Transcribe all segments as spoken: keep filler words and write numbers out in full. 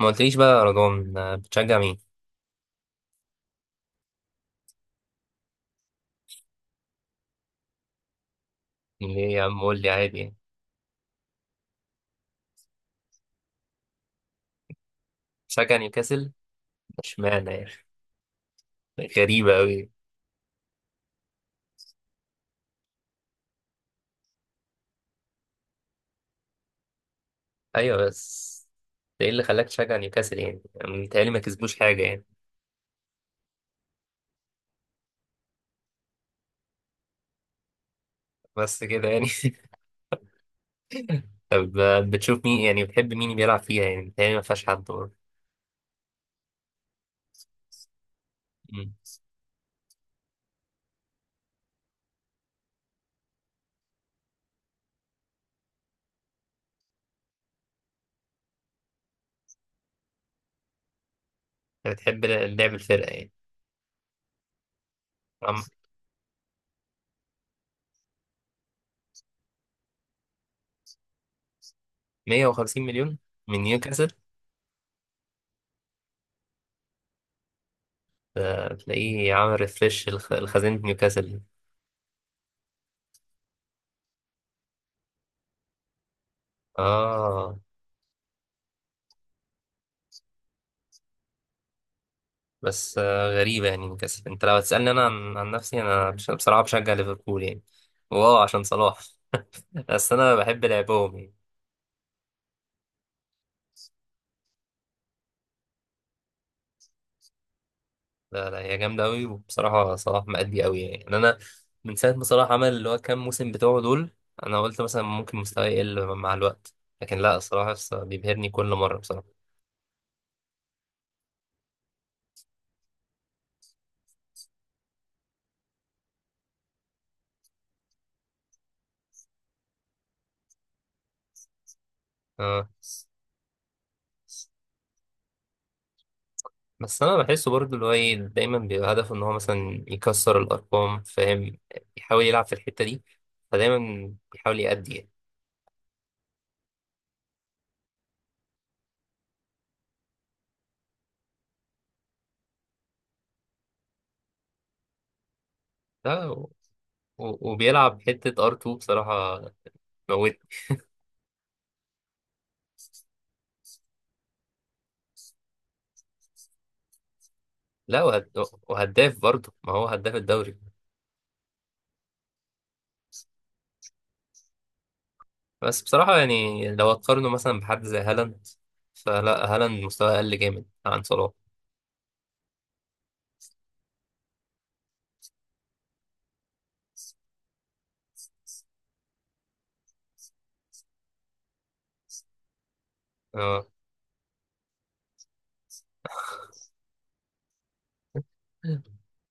ما قلتليش بقى يا رضوان، آه، بتشجع مين؟ ليه يا عم، قول لي عادي يعني. بتشجع نيوكاسل؟ اشمعنى يعني؟ غريبة أوي. أيوة بس ده إيه اللي خلاك تشجع نيوكاسل يعني؟ متهيألي ما كسبوش حاجة يعني. بس كده يعني. طب آه، بتشوف مين يعني، بتحب مين بيلعب فيها يعني؟ متهيألي ما فيهاش حد برضه. مم. أنت بتحب لعب الفرقة يعني. عم- 150 مليون. من نيوكاسل. آه، تلاقيه عامل ريفريش الخزينة نيوكاسل. آه. بس آه، غريبة يعني نيوكاسل. انت لو هتسألني انا عن, عن نفسي، انا بش- بصراحة بشجع ليفربول يعني. واه عشان صلاح. بس انا بحب لعبهم يعني. لا لا، هي جامدة قوي، وبصراحة صلاح مأدي قوي يعني يعني انا، من ساعة ما صلاح عمل اللي هو كام موسم بتوعه دول، انا قلت مثلا ممكن مستواه يقل مع الوقت، لكن لا صراحة بيبهرني كل مرة بصراحة. آه. بس انا بحسه برضه اللي هو ايه، دايما بيبقى هدفه ان هو مثلا يكسر الارقام، فاهم؟ يحاول يلعب في الحتة دي، فدايما بيحاول يأدي يعني. لا، و- وبيلعب حتة ار اتنين بصراحة، موت. لا وهد... وهداف برضه، ما هو هداف الدوري. بس بصراحة يعني لو هتقارنه مثلا بحد زي هالاند، فلا هالاند مستواه أقل جامد عن صلاح. اه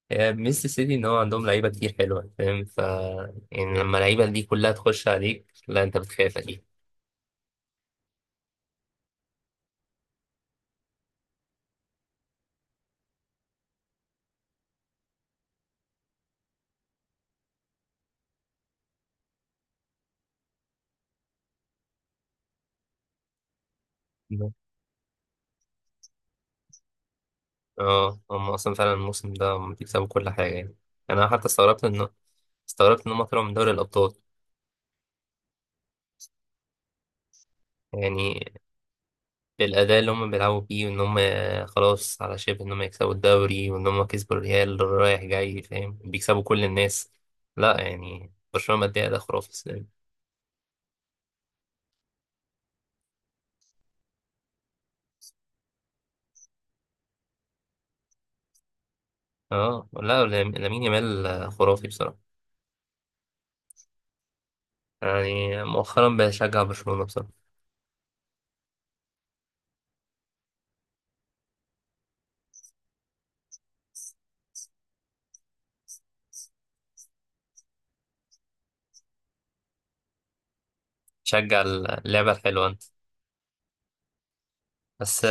يعني ميزة السيتي إن هو عندهم لعيبة كتير حلوة، فاهم؟ ف يعني لما اللعيبة دي كلها تخش عليك، لا أنت بتخاف أكيد. اه هم أصلا فعلا الموسم ده هم بيكسبوا كل حاجة يعني. أنا حتى استغربت إن استغربت إن هم طلعوا من دوري الأبطال. يعني بالأداء اللي هم بيلعبوا بيه، وإن هم خلاص على شبه إن هم يكسبوا الدوري، وإن هم كسبوا الريال رايح جاي، فاهم؟ بيكسبوا كل الناس. لا يعني برشلونة مادية أداء خرافي السنة دي. اه لا لام- لامين يامال خرافي بصراحة. يعني مؤخرا بشجع برشلونة بصراحة. شجع اللعبة الحلوة أنت. بس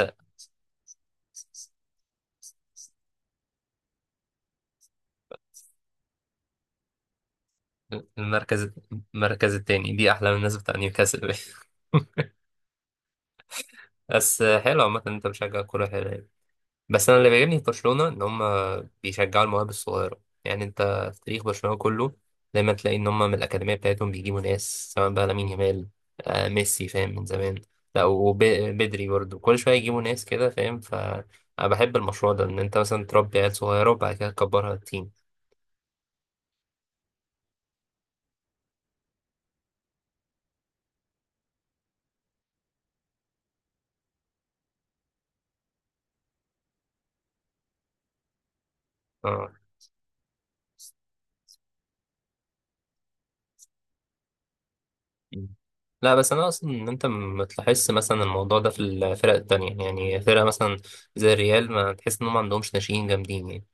المركز المركز التاني دي أحلى من الناس بتاع نيوكاسل. بس حلو عامة إن أنت بتشجع كورة حلوة يعني. بس أنا اللي بيعجبني في برشلونة إن هم بيشجعوا المواهب الصغيرة. يعني انت في تاريخ برشلونة كله دايما تلاقي ان هم من الأكاديمية بتاعتهم بيجيبوا ناس، سواء بقى لامين يامال، آه ميسي فاهم من زمان. لا وبدري برضه كل شوية يجيبوا ناس كده، فاهم؟ ف أنا بحب المشروع ده، ان انت مثلا تربي عيال صغيرة وبعد كده تكبرها تيم. اه لا، بس انا اصلا ان انت ما تلاحظش مثلا الموضوع ده في الفرق التانية يعني. فرقة مثلا زي الريال، ما تحس ان هم ما عندهمش ناشئين جامدين يعني.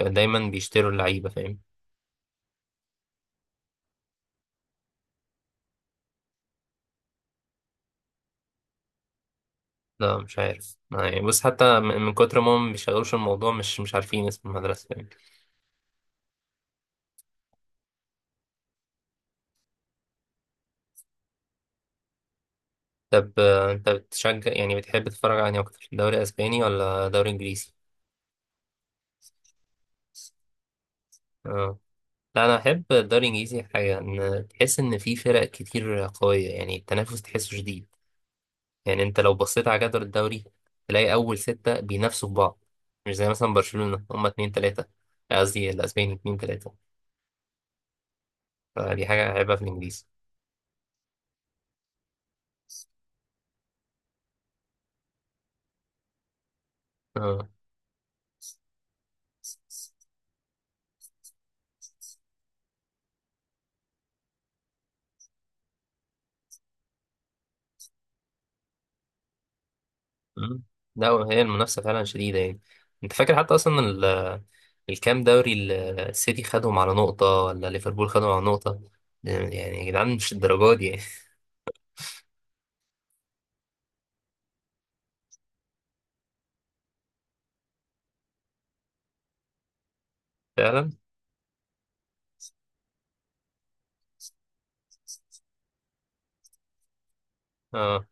دايما بيشتروا اللعيبة فاهم. لا مش عارف يعني، بص، حتى من من كتر ما هم بيشغلوش الموضوع، مش مش عارفين اسم المدرسة يعني. طب آه، انت بتشجع يعني، بتحب تتفرج على أنهي اكتر، دوري اسباني ولا دوري انجليزي؟ اه لا انا احب الدوري الانجليزي، حاجة ان تحس ان في فرق كتير قوية يعني. التنافس تحسه شديد، يعني انت لو بصيت على جدول الدوري تلاقي اول ستة بينافسوا في بعض. مش زي مثلا برشلونة هما اتنين تلاتة، قصدي الاسباني اتنين تلاتة. فدي حاجة عيبة في الانجليزي. اه. مم. لا هي المنافسة فعلا شديدة يعني. انت فاكر حتى اصلا ال- الكام دوري ال- السيتي خدهم على نقطة ولا ليفربول خدهم على نقطة. يعني يا جدعان مش الدرجات دي يعني. فعلا. اه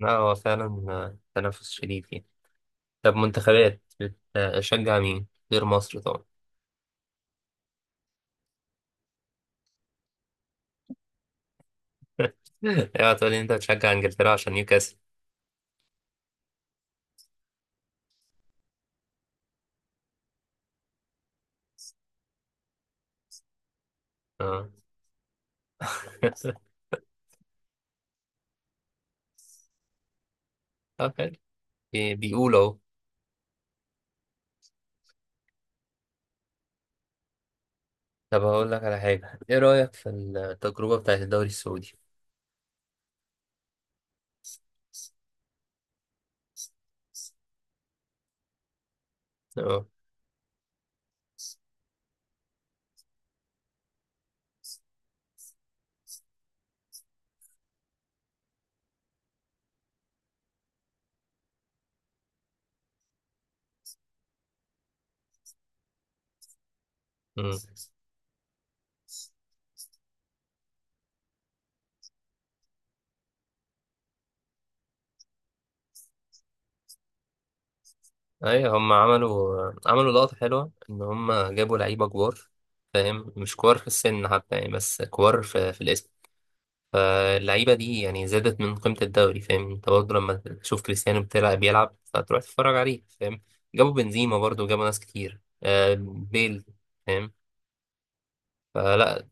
لا هو فعلا آه، تنافس شديد يعني. طب منتخبات بتشجع مين؟ غير مصر طبعا. اوعى تقول لي انت بتشجع انجلترا عشان نيوكاسل. اه. طب حلو. بي- بيقولوا اهو. طب هقول لك على حاجة، ايه رأيك في التجربة بتاعت الدوري السعودي؟ اه. مم. ايوه هم عملوا عملوا لقطة حلوة ان هم جابوا لعيبة كبار، فاهم؟ مش كبار في السن حتى يعني، بس كبار في, في الاسم. فاللعيبة دي يعني زادت من قيمة الدوري، فاهم؟ انت برضه لما تشوف كريستيانو بتلعب بيلعب، فتروح تتفرج عليه، فاهم؟ جابوا بنزيما برضه، جابوا ناس كتير، آه بيل، فاهم؟ فلا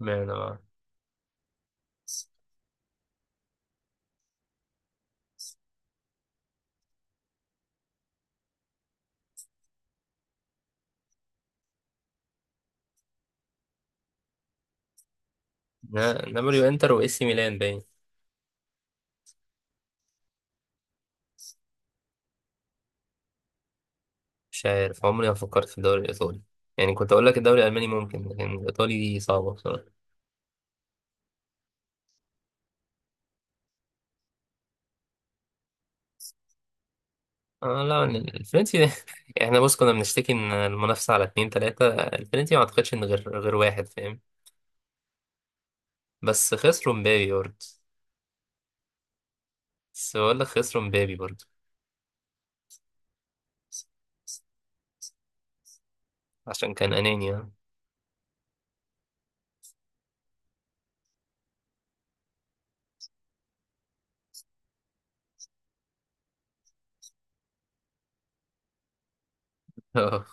ما نابولي وانتر واي سي ميلان باين. مش عارف، عمري ما فكرت في الدوري الايطالي، يعني كنت اقول لك الدوري الالماني ممكن، لكن الايطالي دي صعبة بصراحة. آه لا الفرنسي. احنا بص كنا بنشتكي ان المنافسة على اتنين تلاتة، الفرنسي ما اعتقدش ان غير غير واحد، فاهم؟ بس خسروا مبابي برضه. بس بقول لك خسروا مبابي برضه. عشان كان اناني آه. آه.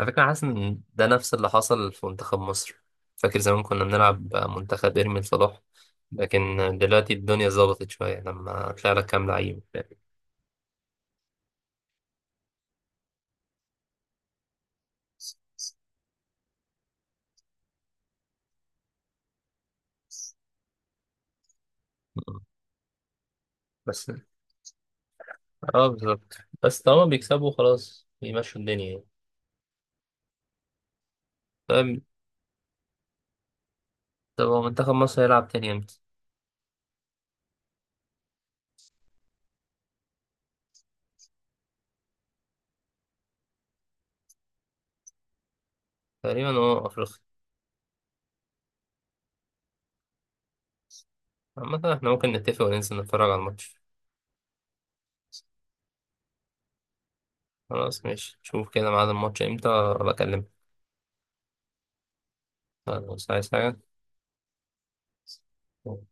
على فكرة حاسس ان ده نفس اللي حصل في منتخب مصر. فاكر زمان كنا بنلعب منتخب ارمي صلاح، لكن دلوقتي الدنيا ظبطت شوية لما طلع لك كام لعيب. فاهم؟ بس اه بالظبط. بس طالما بيكسبوا خلاص بيمشوا الدنيا يعني. طيب. طب هو منتخب مصر هيلعب تاني امتى؟ تقريبا اه افريقيا. عامة احنا ممكن نتفق وننزل نتفرج على الماتش. خلاص ماشي، شوف كده ميعاد الماتش امتى، بكلمك. خلاص عايز حاجة